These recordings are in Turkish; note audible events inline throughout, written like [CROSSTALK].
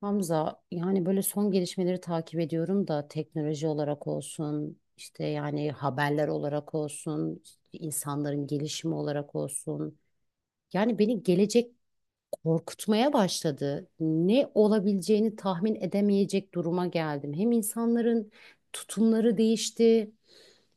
Hamza yani böyle son gelişmeleri takip ediyorum da teknoloji olarak olsun işte yani haberler olarak olsun işte insanların gelişimi olarak olsun yani beni gelecek korkutmaya başladı. Ne olabileceğini tahmin edemeyecek duruma geldim. Hem insanların tutumları değişti.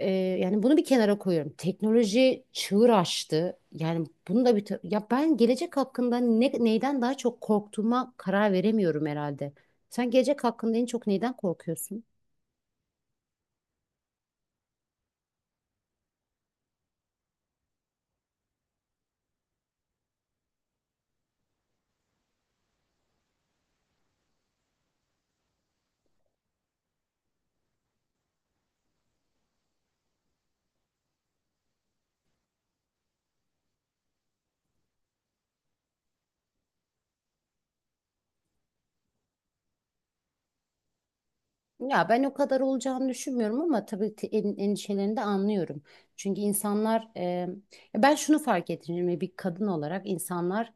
Ee, yani bunu bir kenara koyuyorum. Teknoloji çığır açtı. Yani bunu da ya ben gelecek hakkında neyden daha çok korktuğuma karar veremiyorum herhalde. Sen gelecek hakkında en çok neyden korkuyorsun? Ya ben o kadar olacağını düşünmüyorum ama tabii ki endişelerini de anlıyorum. Çünkü insanlar ya ben şunu fark ettim şimdi bir kadın olarak insanlar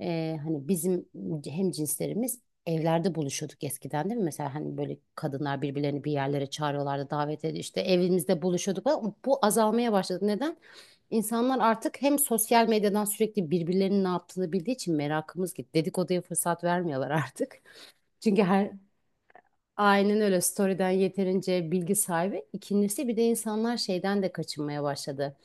hani bizim hem cinslerimiz evlerde buluşuyorduk eskiden değil mi? Mesela hani böyle kadınlar birbirlerini bir yerlere çağırıyorlardı, davet ediyor işte evimizde buluşuyorduk ama bu azalmaya başladı. Neden? İnsanlar artık hem sosyal medyadan sürekli birbirlerinin ne yaptığını bildiği için merakımız gitti. Dedikoduya fırsat vermiyorlar artık. [LAUGHS] Çünkü her Aynen öyle. Story'den yeterince bilgi sahibi. İkincisi bir de insanlar şeyden de kaçınmaya başladı.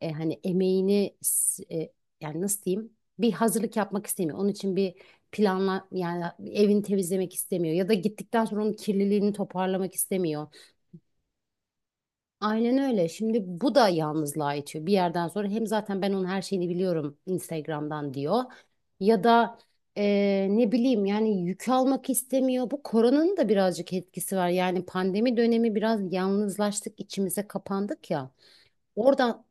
E, hani emeğini s- e, yani nasıl diyeyim? Bir hazırlık yapmak istemiyor. Onun için bir planla yani evini temizlemek istemiyor ya da gittikten sonra onun kirliliğini toparlamak istemiyor. Aynen öyle. Şimdi bu da yalnızlığa itiyor. Bir yerden sonra hem zaten ben onun her şeyini biliyorum Instagram'dan diyor. Ya da ne bileyim yani yük almak istemiyor. Bu koronanın da birazcık etkisi var. Yani pandemi dönemi biraz yalnızlaştık, içimize kapandık ya. Oradan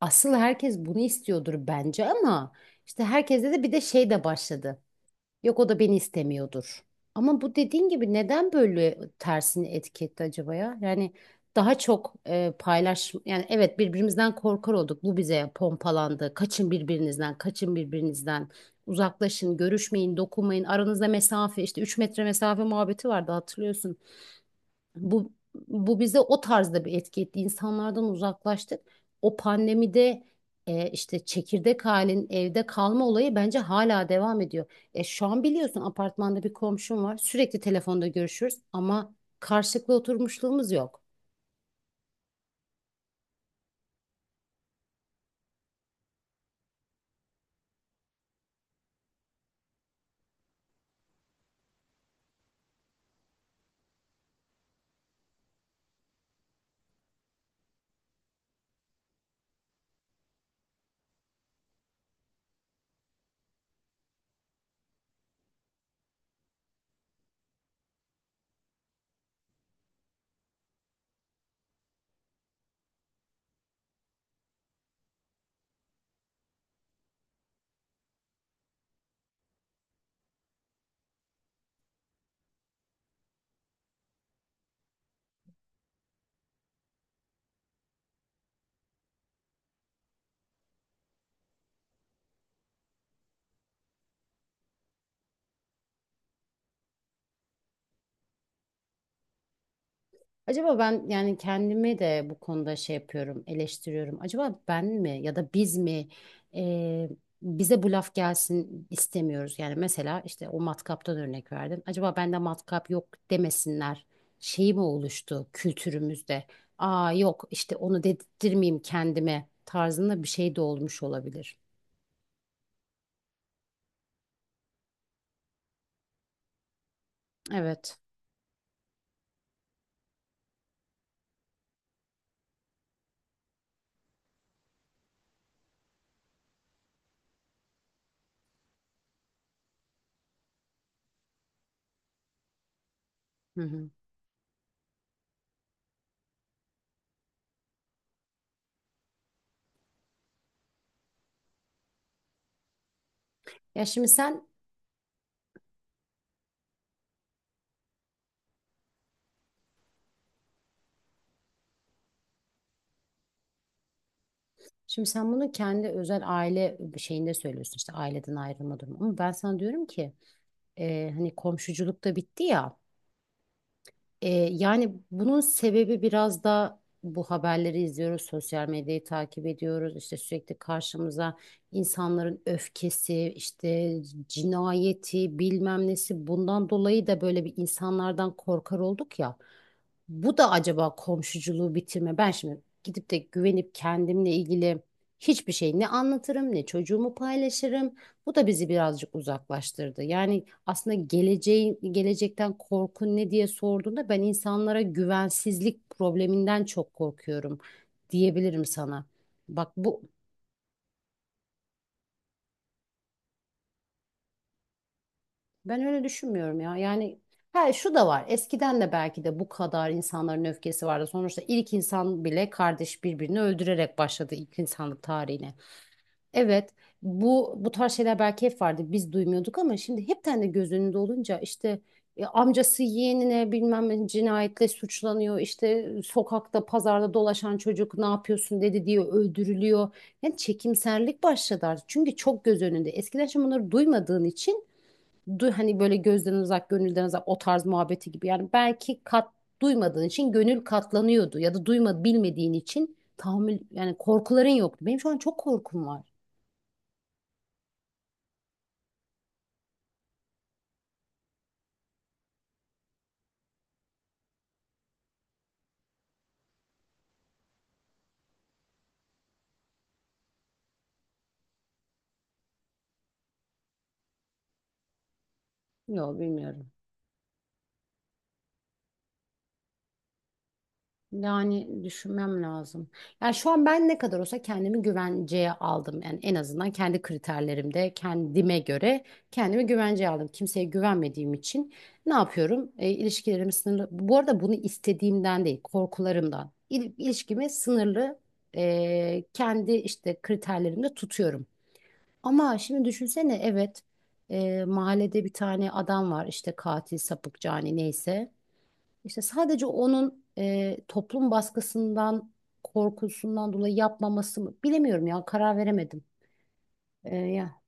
asıl herkes bunu istiyordur bence ama işte herkeste de bir de şey de başladı. Yok o da beni istemiyordur. Ama bu dediğin gibi neden böyle tersini etiketti acaba ya? Yani daha çok paylaş yani evet birbirimizden korkar olduk. Bu bize pompalandı. Kaçın birbirinizden, kaçın birbirinizden. Uzaklaşın, görüşmeyin, dokunmayın. Aranızda mesafe işte 3 metre mesafe muhabbeti vardı hatırlıyorsun. Bu, bu bize o tarzda bir etki etti. İnsanlardan uzaklaştık. O pandemide işte çekirdek halin evde kalma olayı bence hala devam ediyor. Şu an biliyorsun apartmanda bir komşum var. Sürekli telefonda görüşürüz ama karşılıklı oturmuşluğumuz yok. Acaba ben yani kendimi de bu konuda şey yapıyorum, eleştiriyorum. Acaba ben mi ya da biz mi e, bize bu laf gelsin istemiyoruz. Yani mesela işte o matkaptan örnek verdim. Acaba bende matkap yok demesinler. Şeyi mi oluştu kültürümüzde? Aa yok işte onu dedirtmeyeyim kendime tarzında bir şey de olmuş olabilir. Evet. Hı hı. Ya şimdi sen şimdi sen bunu kendi özel aile şeyinde söylüyorsun işte aileden ayrılma durumu. Ama ben sana diyorum ki hani komşuculuk da bitti ya. Yani bunun sebebi biraz da bu haberleri izliyoruz, sosyal medyayı takip ediyoruz. İşte sürekli karşımıza insanların öfkesi, işte cinayeti, bilmem nesi bundan dolayı da böyle bir insanlardan korkar olduk ya. Bu da acaba komşuculuğu bitirme. Ben şimdi gidip de güvenip kendimle ilgili hiçbir şey ne anlatırım, ne çocuğumu paylaşırım. Bu da bizi birazcık uzaklaştırdı. Yani aslında geleceğin, gelecekten korkun ne diye sorduğunda ben insanlara güvensizlik probleminden çok korkuyorum diyebilirim sana. Bak bu ben öyle düşünmüyorum ya. Yani ha şu da var. Eskiden de belki de bu kadar insanların öfkesi vardı. Sonuçta ilk insan bile kardeş birbirini öldürerek başladı ilk insanlık tarihine. Evet, bu tarz şeyler belki hep vardı. Biz duymuyorduk ama şimdi hepten de göz önünde olunca işte amcası yeğenine bilmem ne cinayetle suçlanıyor. İşte sokakta, pazarda dolaşan çocuk ne yapıyorsun dedi diyor öldürülüyor. Yani çekimserlik başladı artık. Çünkü çok göz önünde. Eskiden şimdi bunları duymadığın için hani böyle gözden uzak, gönülden uzak o tarz muhabbeti gibi. Yani belki duymadığın için gönül katlanıyordu ya da duyma bilmediğin için tahammül yani korkuların yoktu. Benim şu an çok korkum var. Yok bilmiyorum. Yani düşünmem lazım. Yani şu an ben ne kadar olsa kendimi güvenceye aldım. Yani en azından kendi kriterlerimde kendime göre kendimi güvenceye aldım. Kimseye güvenmediğim için ne yapıyorum? İlişkilerimi sınırlı. Bu arada bunu istediğimden değil, korkularımdan. İl, ilişkimi sınırlı kendi işte kriterlerimde tutuyorum. Ama şimdi düşünsene evet mahallede bir tane adam var işte katil, sapık, cani neyse. İşte sadece onun toplum baskısından, korkusundan dolayı yapmaması mı? Bilemiyorum ya, karar veremedim. E, ya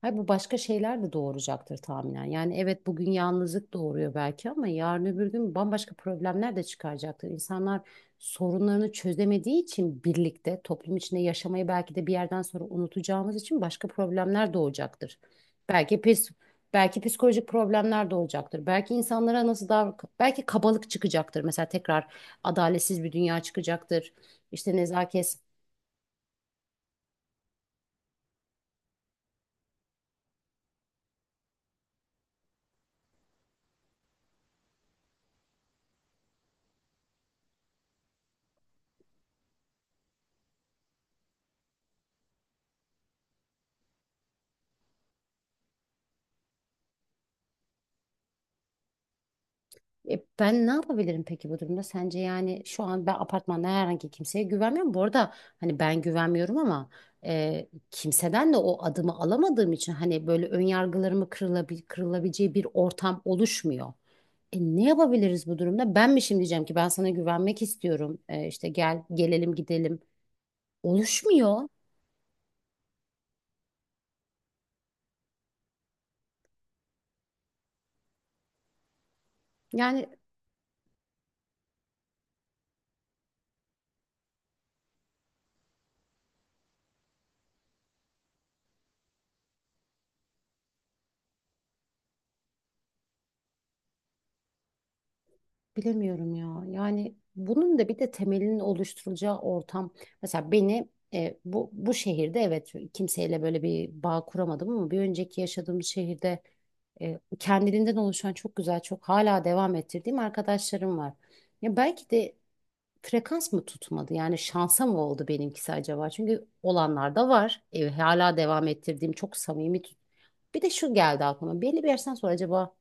Hayır, bu başka şeyler de doğuracaktır tahminen. Yani evet bugün yalnızlık doğuruyor belki ama yarın öbür gün bambaşka problemler de çıkaracaktır. İnsanlar sorunlarını çözemediği için birlikte toplum içinde yaşamayı belki de bir yerden sonra unutacağımız için başka problemler doğacaktır. Belki pis, belki psikolojik problemler doğacaktır. Belki insanlara belki kabalık çıkacaktır. Mesela tekrar adaletsiz bir dünya çıkacaktır. İşte nezaket ben ne yapabilirim peki bu durumda? Sence yani şu an ben apartmanda herhangi kimseye güvenmiyorum. Bu arada hani ben güvenmiyorum ama kimseden de o adımı alamadığım için hani böyle ön yargılarımı kırılabileceği bir ortam oluşmuyor. Ne yapabiliriz bu durumda? Ben mi şimdi diyeceğim ki ben sana güvenmek istiyorum. İşte gel gelelim gidelim. Oluşmuyor. Yani, bilemiyorum ya. Yani bunun da bir de temelinin oluşturulacağı ortam. Mesela bu şehirde evet kimseyle böyle bir bağ kuramadım ama bir önceki yaşadığım şehirde kendiliğinden oluşan çok güzel, çok hala devam ettirdiğim arkadaşlarım var. Ya belki de frekans mı tutmadı? Yani şansa mı oldu benimkisi acaba? Çünkü olanlar da var. Hala devam ettirdiğim çok samimi. Bir de şu geldi aklıma. Belli bir yaştan sonra acaba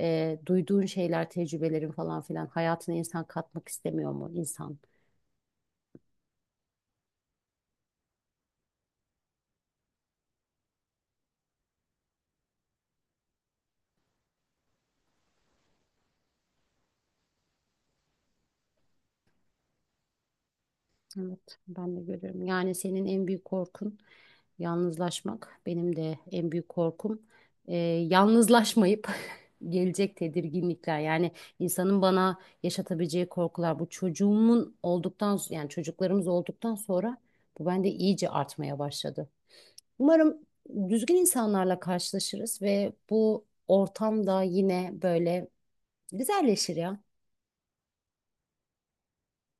duyduğun şeyler, tecrübelerin falan filan hayatına insan katmak istemiyor mu insan? Evet. Ben de görüyorum. Yani senin en büyük korkun yalnızlaşmak. Benim de en büyük korkum e, yalnızlaşmayıp [LAUGHS] gelecek tedirginlikler. Yani insanın bana yaşatabileceği korkular. Bu çocuğumun olduktan yani çocuklarımız olduktan sonra bu bende iyice artmaya başladı. Umarım düzgün insanlarla karşılaşırız ve bu ortam da yine böyle güzelleşir ya.